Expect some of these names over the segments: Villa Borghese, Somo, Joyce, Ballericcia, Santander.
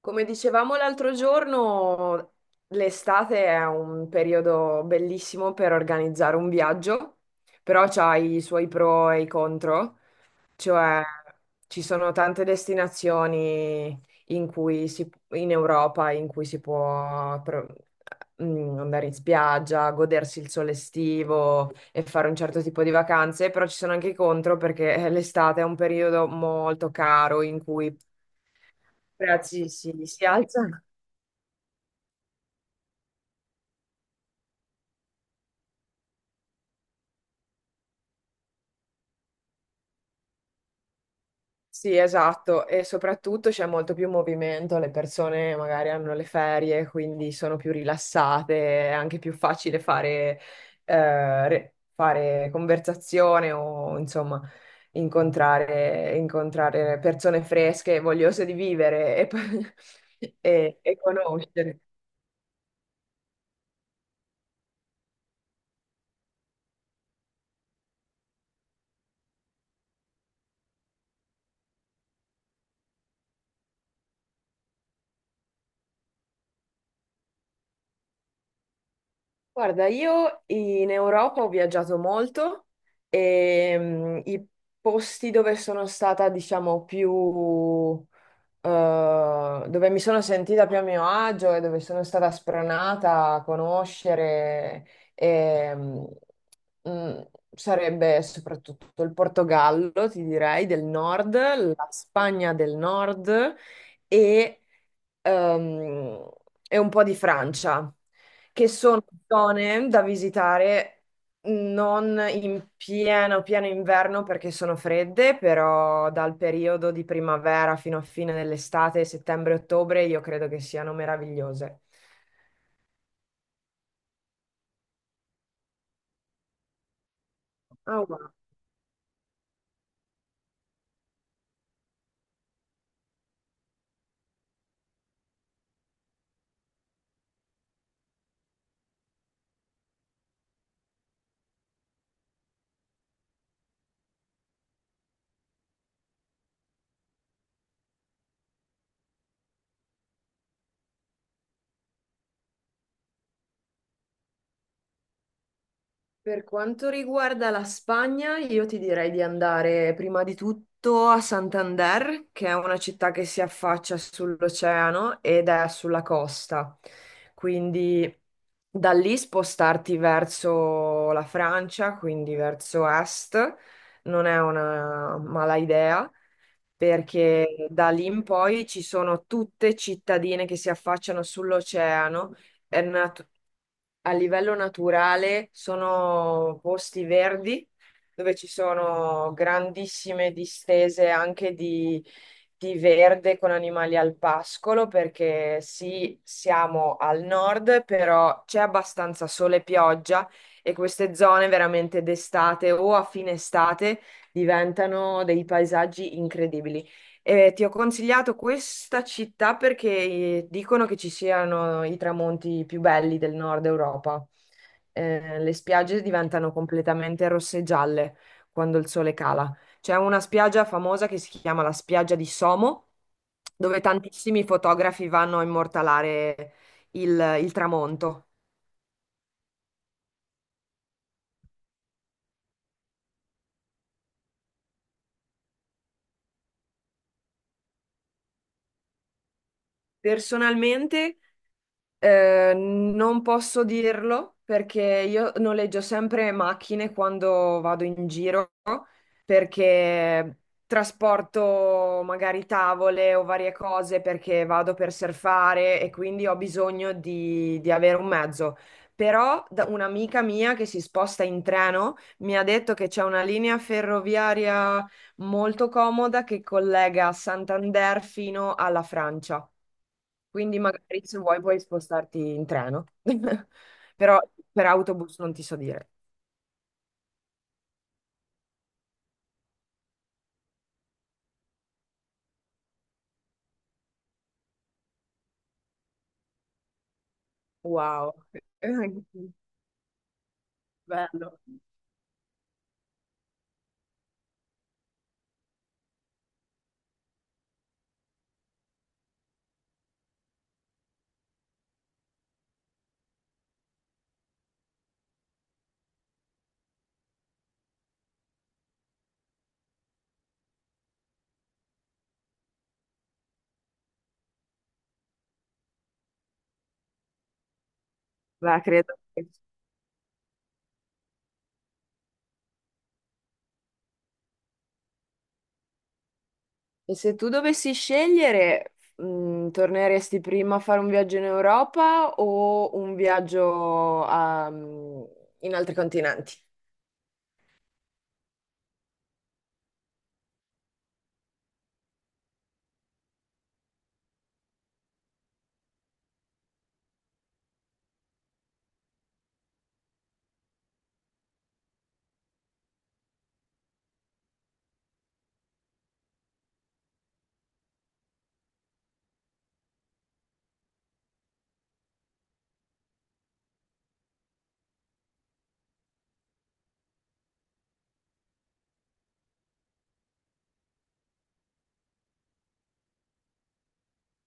Come dicevamo l'altro giorno, l'estate è un periodo bellissimo per organizzare un viaggio, però c'ha i suoi pro e i contro, cioè ci sono tante destinazioni in Europa in cui si può andare in spiaggia, godersi il sole estivo e fare un certo tipo di vacanze, però ci sono anche i contro perché l'estate è un periodo molto caro in cui i prezzi si alzano. Sì, esatto, e soprattutto c'è molto più movimento, le persone magari hanno le ferie, quindi sono più rilassate, è anche più facile fare, fare conversazione o insomma incontrare persone fresche, vogliose di vivere e, e conoscere. Guarda, io in Europa ho viaggiato molto e i posti dove sono stata, diciamo, dove mi sono sentita più a mio agio e dove sono stata spronata a conoscere e, mm, mm, sarebbe soprattutto il Portogallo, ti direi, del nord, la Spagna del nord e ehm, e un po' di Francia, che sono zone da visitare non in pieno inverno perché sono fredde, però dal periodo di primavera fino a fine dell'estate, settembre-ottobre, io credo che siano meravigliose. Ah, wow. Per quanto riguarda la Spagna, io ti direi di andare prima di tutto a Santander, che è una città che si affaccia sull'oceano ed è sulla costa. Quindi da lì spostarti verso la Francia, quindi verso est, non è una mala idea perché da lì in poi ci sono tutte cittadine che si affacciano sull'oceano è nat- a livello naturale sono posti verdi dove ci sono grandissime distese anche di verde con animali al pascolo, perché sì, siamo al nord, però c'è abbastanza sole e pioggia e queste zone veramente d'estate o a fine estate diventano dei paesaggi incredibili. Ti ho consigliato questa città perché dicono che ci siano i tramonti più belli del nord Europa. Le spiagge diventano completamente rosse e gialle quando il sole cala. C'è una spiaggia famosa che si chiama la spiaggia di Somo, dove tantissimi fotografi vanno a immortalare il tramonto. Personalmente, non posso dirlo perché io noleggio sempre macchine quando vado in giro perché trasporto magari tavole o varie cose perché vado per surfare e quindi ho bisogno di avere un mezzo. Però un'amica mia che si sposta in treno mi ha detto che c'è una linea ferroviaria molto comoda che collega Santander fino alla Francia. Quindi magari se vuoi puoi spostarti in treno. Però per autobus non ti so dire. Wow, bello. Ma credo che... E se tu dovessi scegliere, torneresti prima a fare un viaggio in Europa o un in altri continenti?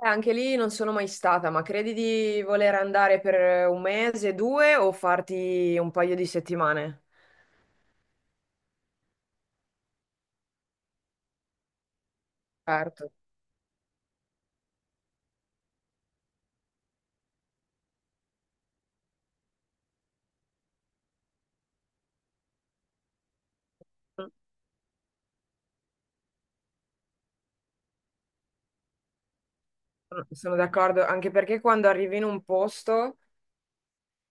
Anche lì non sono mai stata, ma credi di voler andare per un mese, due o farti un paio di settimane? Certo, sono sono d'accordo, anche perché quando arrivi in un posto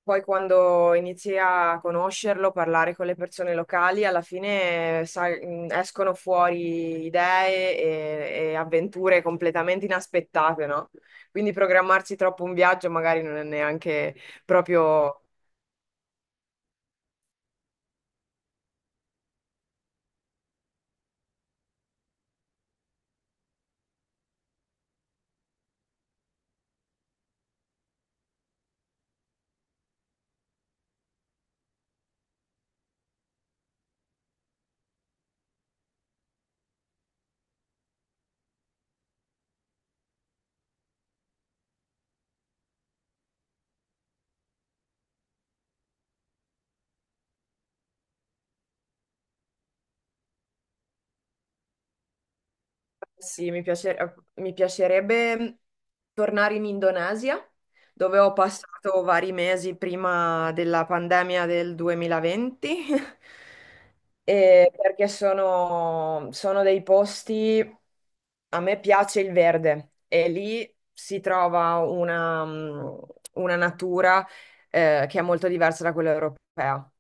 poi quando inizi a conoscerlo, parlare con le persone locali, alla fine sai, escono fuori idee e avventure completamente inaspettate, no? Quindi programmarsi troppo un viaggio magari non è neanche proprio... Sì, mi piacerebbe tornare in Indonesia, dove ho passato vari mesi prima della pandemia del 2020, e perché sono dei posti, a me piace il verde e lì si trova una, una natura che è molto diversa da quella europea.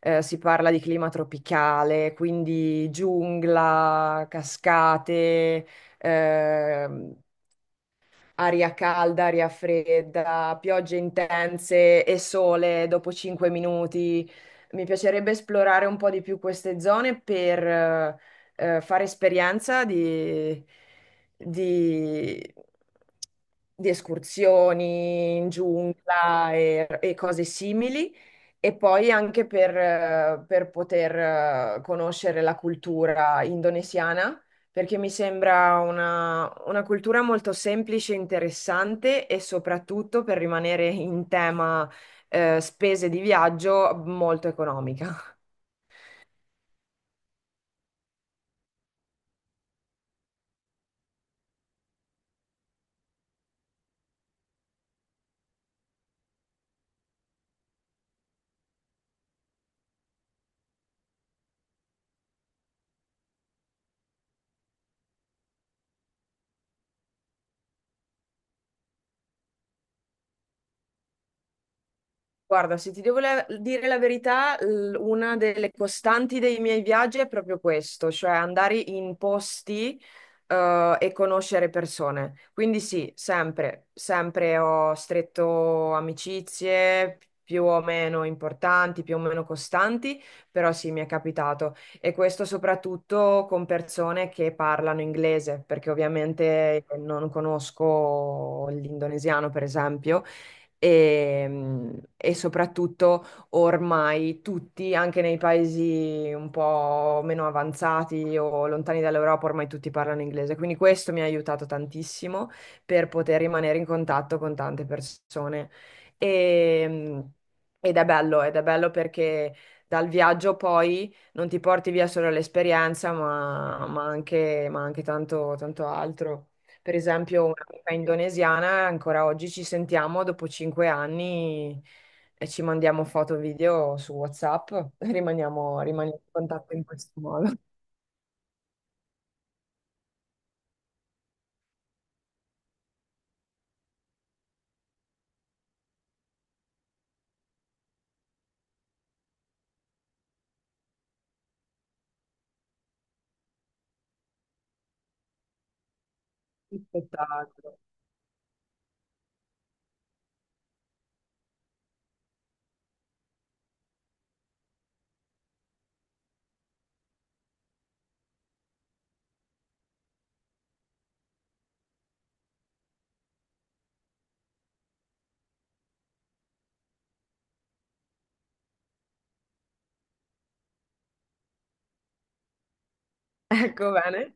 Si parla di clima tropicale, quindi giungla, cascate ehm, aria calda, aria fredda, piogge intense e sole dopo 5 minuti. Mi piacerebbe esplorare un po' di più queste zone per fare esperienza di- di escursioni in giungla e cose simili e poi anche per poter conoscere la cultura indonesiana, perché mi sembra una cultura molto semplice, interessante e soprattutto per rimanere in tema spese di viaggio molto economica. Guarda, se ti devo dire la verità, una delle costanti dei miei viaggi è proprio questo, cioè andare in posti, e conoscere persone. Quindi sì, sempre ho stretto amicizie più o meno importanti, più o meno costanti, però sì, mi è capitato. E questo soprattutto con persone che parlano inglese, perché ovviamente non conosco l'indonesiano, per esempio e soprattutto ormai tutti, anche nei paesi un po' meno avanzati o lontani dall'Europa, ormai tutti parlano inglese. Quindi questo mi ha aiutato tantissimo per poter rimanere in contatto con tante persone. E- Ed è bello, ed è bello perché dal viaggio poi non ti porti via solo l'esperienza, ma anche tanto altro. Per esempio, un'amica indonesiana, ancora oggi ci sentiamo dopo 5 anni e ci mandiamo foto e video su WhatsApp, rimaniamo in contatto in questo modo. Spettacolo. Ecco bene.